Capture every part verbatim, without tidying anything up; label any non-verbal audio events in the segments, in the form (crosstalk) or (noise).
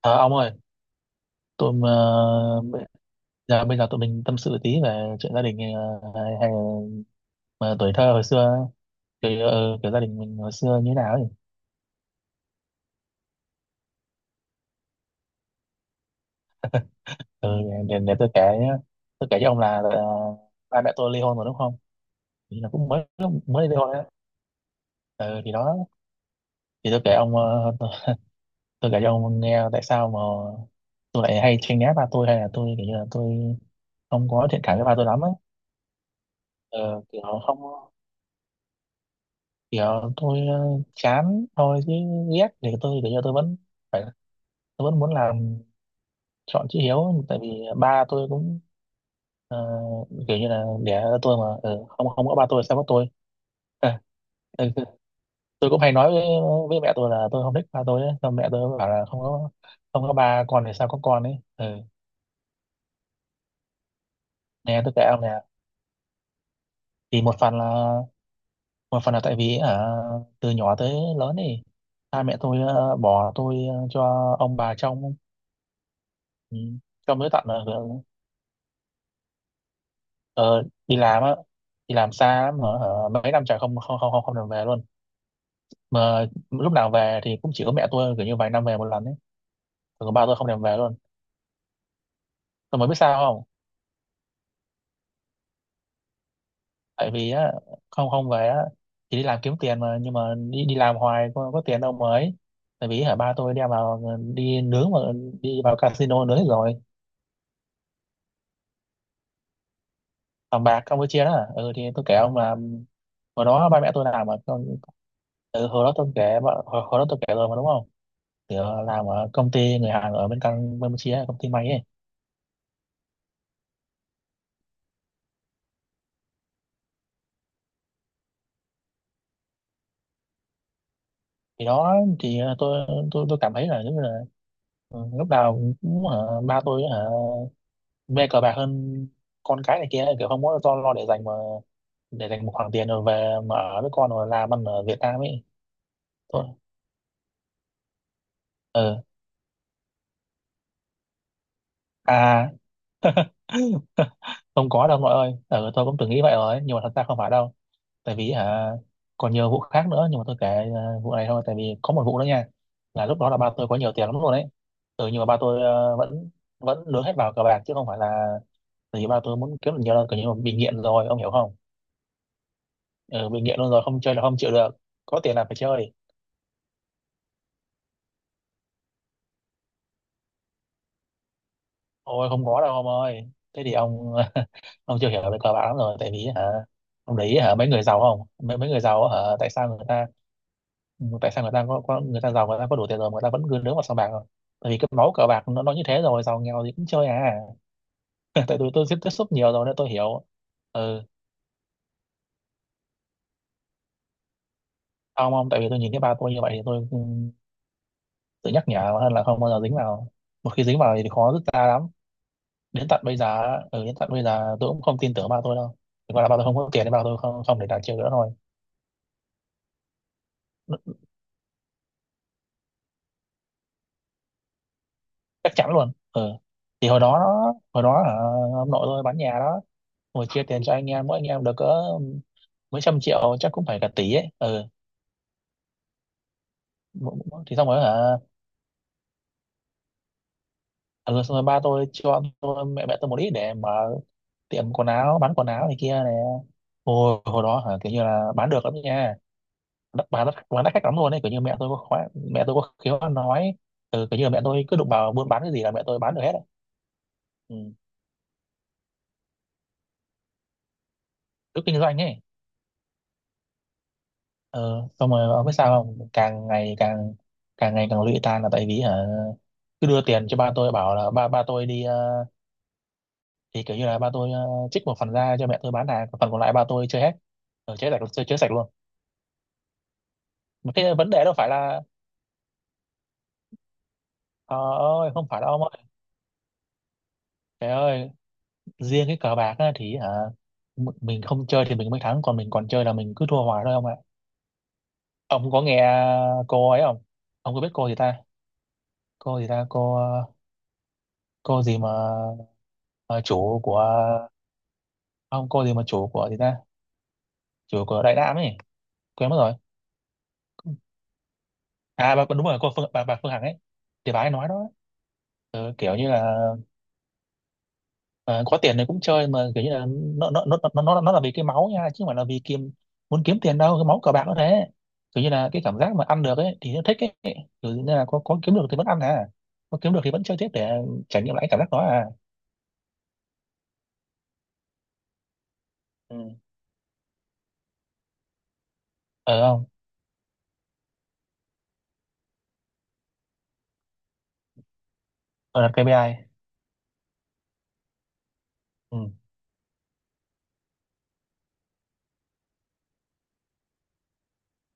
Ờ, ông ơi, tôi mà giờ bây giờ tụi mình tâm sự tí về chuyện gia đình ờ, hay, hay là mà tuổi thơ hồi xưa, kiểu, ờ, kiểu gia đình mình hồi xưa như thế nào ấy. Ừ, để, để tôi kể nhá. Tôi kể cho ông là ờ, ba mẹ tôi ly hôn rồi đúng không? Thì là cũng mới lúc mới ly hôn đấy. Ừ, thì đó, thì tôi kể ông ờ, tôi, tôi kể cho ông nghe tại sao mà tôi lại hay tranh né ba tôi, hay là tôi kiểu như là tôi không có thiện cảm với ba tôi lắm ấy. Ờ, kiểu không kiểu tôi ờ, chán thôi, chứ ghét thì tôi kiểu như tôi vẫn phải, tôi vẫn muốn làm chọn chữ hiếu, tại vì ba tôi cũng ờ, kiểu như là đẻ ra tôi mà, ừ, không không có ba tôi sao có tôi. (laughs) ừ, ừ, tôi cũng hay nói với, với mẹ tôi là tôi không thích ba tôi ấy. Xong mẹ tôi bảo là không có không có ba con thì sao có con ấy, ừ. Nè, tôi kể ông nè, thì một phần là một phần là tại vì, à, từ nhỏ tới lớn thì ba mẹ tôi ờ, bỏ tôi ờ, cho ông bà trông. Ừ, trông tới tận là... Ờ, đi làm á, đi làm xa lắm mà hả, mấy năm trời không không không không không được về luôn, mà lúc nào về thì cũng chỉ có mẹ tôi, kiểu như vài năm về một lần ấy, còn ba tôi không thèm về luôn. Tôi mới biết sao không, tại vì á không không về á, thì đi làm kiếm tiền mà, nhưng mà đi đi làm hoài có, có tiền đâu mà ấy. Tại vì hả, ba tôi đem vào ờ, đi nướng mà, đi vào casino nướng hết rồi, bằng bạc Campuchia đó, ừ. Thì tôi kể ông là hồi đó ba mẹ tôi làm mà Còn- ừ, hồi đó tôi kể, hồi, hồi đó tôi kể rồi mà đúng không. Thì ờ, làm ở công ty người Hàn ở bên Campuchia, công ty may ấy. Thì đó, thì ờ, tôi tôi tôi cảm thấy là giống như là, ừ, lúc nào cũng ờ, ba tôi uh, mê cờ bạc hơn con cái này kia, kiểu không có do lo để dành mà, để dành một khoản tiền rồi về mà ở với con rồi làm ăn ở Việt Nam ấy. Thôi ừ à. (laughs) Không có đâu mọi ơi, ừ, tôi cũng từng nghĩ vậy rồi nhưng mà thật ra không phải đâu. Tại vì hả, còn nhiều vụ khác nữa nhưng mà tôi kể ờ, vụ này thôi, tại vì có một vụ nữa nha. Là lúc đó là ba tôi có nhiều tiền lắm luôn đấy, ừ, nhưng mà ba tôi ờ, vẫn vẫn nướng hết vào cờ bạc chứ không phải là tại vì ba tôi muốn kiếm được nhiều đâu, kiểu như là bị nghiện rồi, ông hiểu không. Ừ, bị nghiện luôn rồi, không chơi là không chịu được, có tiền là phải chơi. Ôi không có đâu ông ơi, thế thì ông (laughs) ông chưa hiểu về cờ bạc lắm rồi. Tại vì hả, ông để ý hả, mấy người giàu không, mấy mấy người giàu á, hả, tại sao người ta... Ừ, tại sao người ta có, có người ta giàu, người ta có đủ tiền rồi mà người ta vẫn cứ nướng vào sòng bạc rồi, tại vì cái máu cờ bạc nó, nó như thế rồi, giàu nghèo gì cũng chơi à. (laughs) Tại tôi tôi tiếp tiếp xúc nhiều rồi nên tôi hiểu. Ừ. ông ông tại vì tôi nhìn thấy ba tôi như vậy thì tôi, ừ, tự nhắc nhở hơn là không bao giờ dính vào, một khi dính vào thì khó dứt ra lắm. Đến tận bây giờ á, ừ, đến tận bây giờ tôi cũng không tin tưởng ba tôi đâu, chỉ gọi là ba tôi không có tiền nên ba tôi không không để đặt chơi nữa thôi. Chắc chắn luôn, ừ. Thì hồi đó, hồi đó hả, ông nội tôi bán nhà đó. Hồi chia tiền cho anh em, mỗi anh em được cỡ mấy trăm triệu, chắc cũng phải cả tỷ ấy, ừ. Mỗ- mỗ- thì xong rồi hả, ừ, xong rồi ba tôi cho tôi mẹ mẹ tôi một ít để mở tiệm quần áo, bán quần áo này kia này. Hồi Hồi đó hả, kiểu như là bán được lắm nha, đắt bán đắt bán đắt khách lắm luôn ấy. Kiểu như mẹ tôi có khóa, mẹ tôi có khéo ăn nói. Ừ, kiểu như là mẹ tôi cứ đụng vào buôn bán cái gì là mẹ tôi bán được hết ấy. Ừ. Cứ kinh doanh ấy. Ừ. Xong rồi ông biết sao không, càng ngày càng càng ngày càng lụy tan là tại vì hả, cứ đưa tiền cho ba tôi bảo là ba ba tôi đi ờ, thì kiểu như là ba tôi ờ, trích một phần ra cho mẹ tôi bán hàng, còn phần còn lại ba tôi chơi hết, ở chơi sạch, chơi, chơi sạch luôn. Mà cái vấn đề đâu phải là... Ờ ơi không phải đâu ông ơi, trời ơi. Riêng cái cờ bạc á, thì hả, m- mình không chơi thì mình mới thắng, còn mình còn chơi là mình cứ thua hoài thôi ông ạ. Ông có nghe cô ấy không, ông có biết cô gì ta, cô gì ta cô ờ, cô gì mà ờ, chủ của... Ông, cô gì mà chủ của gì ta, chủ của Đại Nam ấy, quên mất rồi. À bà, đúng rồi, cô Phương bà, bà Phương Hằng ấy. Thì bà ấy nói đó, ừ, kiểu như là, ờ, có tiền thì cũng chơi, mà kiểu như là nó nó nó nó nó nó là vì cái máu nha chứ không phải là vì kiếm muốn kiếm tiền đâu, cái máu cờ bạc nó thế. Kiểu như là cái cảm giác mà ăn được ấy thì nó thích ấy. Kiểu như là có có kiếm được thì vẫn ăn à, có kiếm được thì vẫn chơi tiếp để trải nghiệm lại cảm giác đó à. Ừ. Ờ không. Ờ đặt ca pê i. Ừ.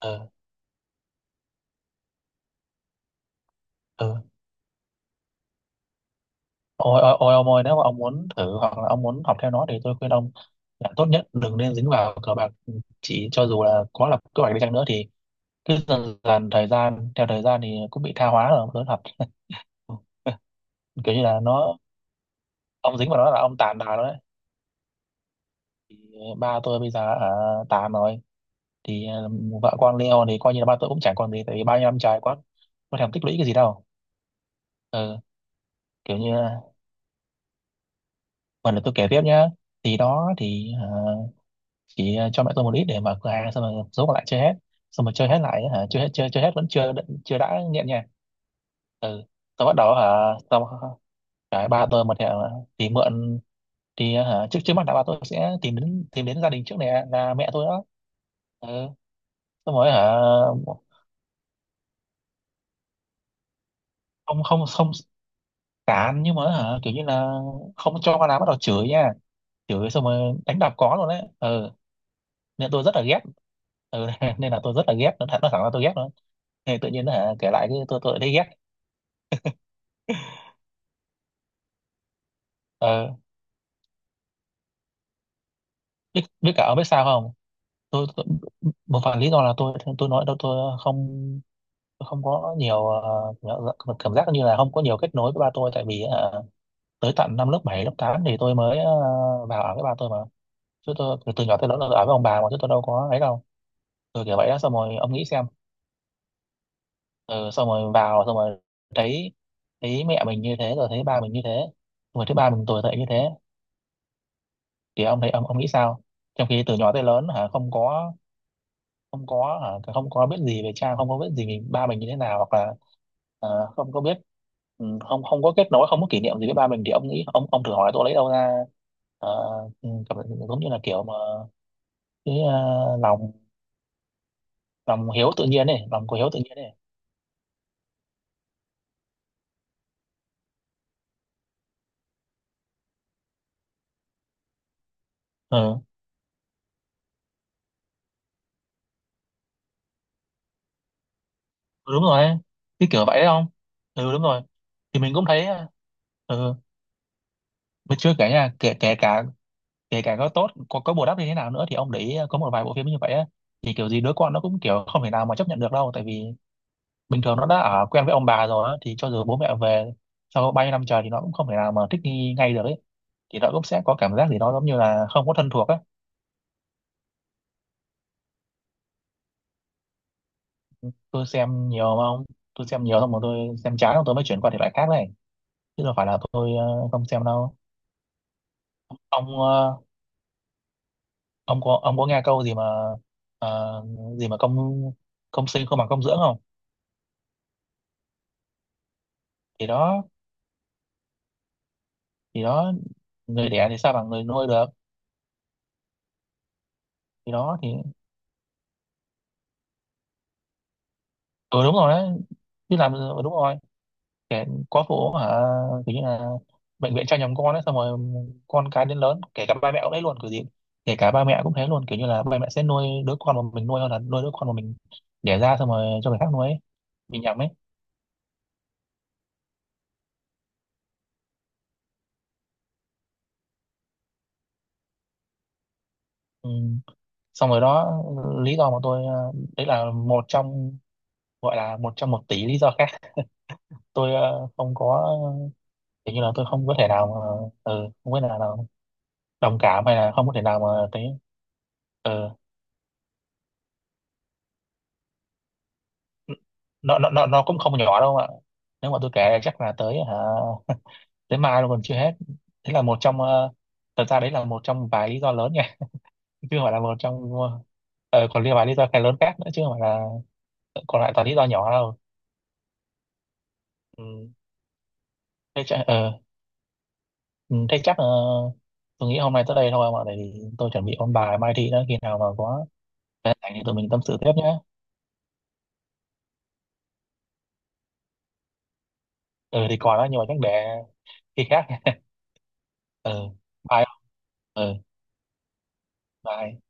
Ờ. Ờ. Ôi ôi ôi ông ơi, nếu mà ông muốn thử hoặc là ông muốn học theo nó thì tôi khuyên ông là tốt nhất đừng nên dính vào cờ bạc, ừ, chỉ cho dù là có lập kế hoạch đi chăng nữa thì cứ dần dần thời gian, theo thời gian thì cũng bị tha hóa rồi Lớn. (laughs) Ừ. Kiểu như là nó, ông dính vào nó là ông tàn bà đó đấy. Thì ba tôi bây giờ ở tàn rồi, thì ờ, vợ con Leo thì coi như là ba tôi cũng chẳng còn gì, tại vì bao nhiêu năm trời quá có thèm tích lũy cái gì đâu. Ừ, kiểu như phần là tôi kể tiếp nhá. Thì đó, thì ờ, chỉ cho mẹ tôi một ít để mở cửa hàng, xong rồi số còn lại chơi hết. Xong rồi chơi hết lại hả, chơi hết, chơi chơi hết vẫn chưa, chưa đã nghiện nha. Ừ. Tôi bắt đầu hả, xong rồi ba tôi một thì, thì mượn. Thì ờ, hả, trước trước mắt đã bảo tôi sẽ tìm đến, tìm đến gia đình trước này, à, là mẹ tôi đó. Ừ. Xong rồi hả, không không không tán, nhưng mà hả, kiểu như là không cho con làm, bắt đầu chửi nha. Chửi xong rồi đánh đập có luôn đấy, ừ. Nên tôi rất là ghét. Ừ. (laughs) Nên là tôi rất là ghét, nó thẳng nó thẳng là tôi ghét luôn. Thì tự nhiên hả, kể lại cái tôi tôi lại thấy ghét. Ừ. biết Biết cả, ông biết sao không. Tôi, tôi một phần lý do là tôi tôi nói đâu, tôi không, tôi không có nhiều ờ, cảm giác cảm giác như là không có nhiều kết nối với ba tôi, tại vì hả tới tận năm lớp bảy lớp tám thì tôi mới ờ, vào ở với ba tôi mà, chứ tôi từ, từ nhỏ tới lớn là ở với ông bà mà, chứ tôi đâu có ấy đâu. Từ kiểu vậy đó, xong rồi ông nghĩ xem. Ừ, xong rồi vào, xong rồi thấy, thấy mẹ mình như thế, rồi thấy ba mình như thế, rồi thấy ba mình tồi tệ như thế thì ông thấy, ông ông nghĩ sao, trong khi từ nhỏ tới lớn hả không có, không có hả? Không có biết gì về cha, không có biết gì về ba mình như thế nào, hoặc là ờ, không có biết. Ừ, không không có kết nối, không có kỷ niệm gì với ba mình thì ông nghĩ, ông ông thử hỏi tôi lấy đâu ra uh, giống như là kiểu mà cái ờ, lòng, lòng hiếu tự nhiên này, lòng của hiếu tự nhiên này. Ừ đúng rồi ấy, cái kiểu vậy đấy không. Ừ đúng rồi, thì mình cũng thấy. Ừ. Mà chưa kể nha, kể kể cả, kể cả có tốt có có bù đắp như thế nào nữa thì ông để ý có một vài bộ phim như vậy á, thì kiểu gì đứa con nó cũng kiểu không thể nào mà chấp nhận được đâu, tại vì bình thường nó đã ở quen với ông bà rồi á, thì cho dù bố mẹ về sau bao nhiêu năm trời thì nó cũng không thể nào mà thích nghi ngay được ấy, thì nó cũng sẽ có cảm giác gì đó giống như là không có thân thuộc á. Tôi xem nhiều mà ông, tôi xem nhiều xong rồi tôi xem chán rồi tôi mới chuyển qua thể loại khác này, chứ đâu phải là tôi ờ, không xem đâu. Ông ờ, ông có ông có nghe câu gì mà ờ, gì mà công, công sinh không bằng công dưỡng không. thì đó thì đó, người đẻ thì sao bằng người nuôi được. Thì đó thì ừ đúng rồi đấy, chứ làm, ừ, đúng rồi. Kẻ có phụ hả, kiểu như là bệnh viện cho nhầm con ấy, xong rồi con cái đến lớn kể cả ba mẹ cũng đấy luôn kiểu gì. Kể cả ba mẹ cũng thế luôn, kiểu như là ba mẹ sẽ nuôi đứa con mà mình nuôi hơn là nuôi đứa con mà mình đẻ ra xong rồi cho người khác nuôi ấy. Mình nhầm ấy. Ừ. Xong rồi đó, lý do mà tôi ờ, đấy là một trong, gọi là một trong một tỷ lý do khác. Tôi ờ, không có, kiểu như là tôi không có thể nào mà, ừ, không biết là, là đồng cảm, hay là không có thể nào mà thấy. Ừ. nó nó nó nó cũng không nhỏ đâu ạ, nếu mà tôi kể chắc là tới hả, tới mai luôn còn chưa hết. Thế là một trong ờ, thật ra đấy là một trong vài lý do lớn nha. (laughs) Chứ không phải là một trong ờ, ờ, còn liên vài lý do cái lớn khác nữa, chứ không phải là ờ, còn lại toàn lý do nhỏ đâu. Ừ. Thế chắc ờ, ừ, thế chắc ờ, tôi nghĩ hôm nay tới đây thôi mà, tại vì tôi chuẩn bị ôn bài mai thi đó. Khi nào mà có cái này thì tụi mình tâm sự tiếp nhé. Ừ thì còn đó nhưng mà chắc để khi khác. (laughs) Ừ, bye. Ừ, bye.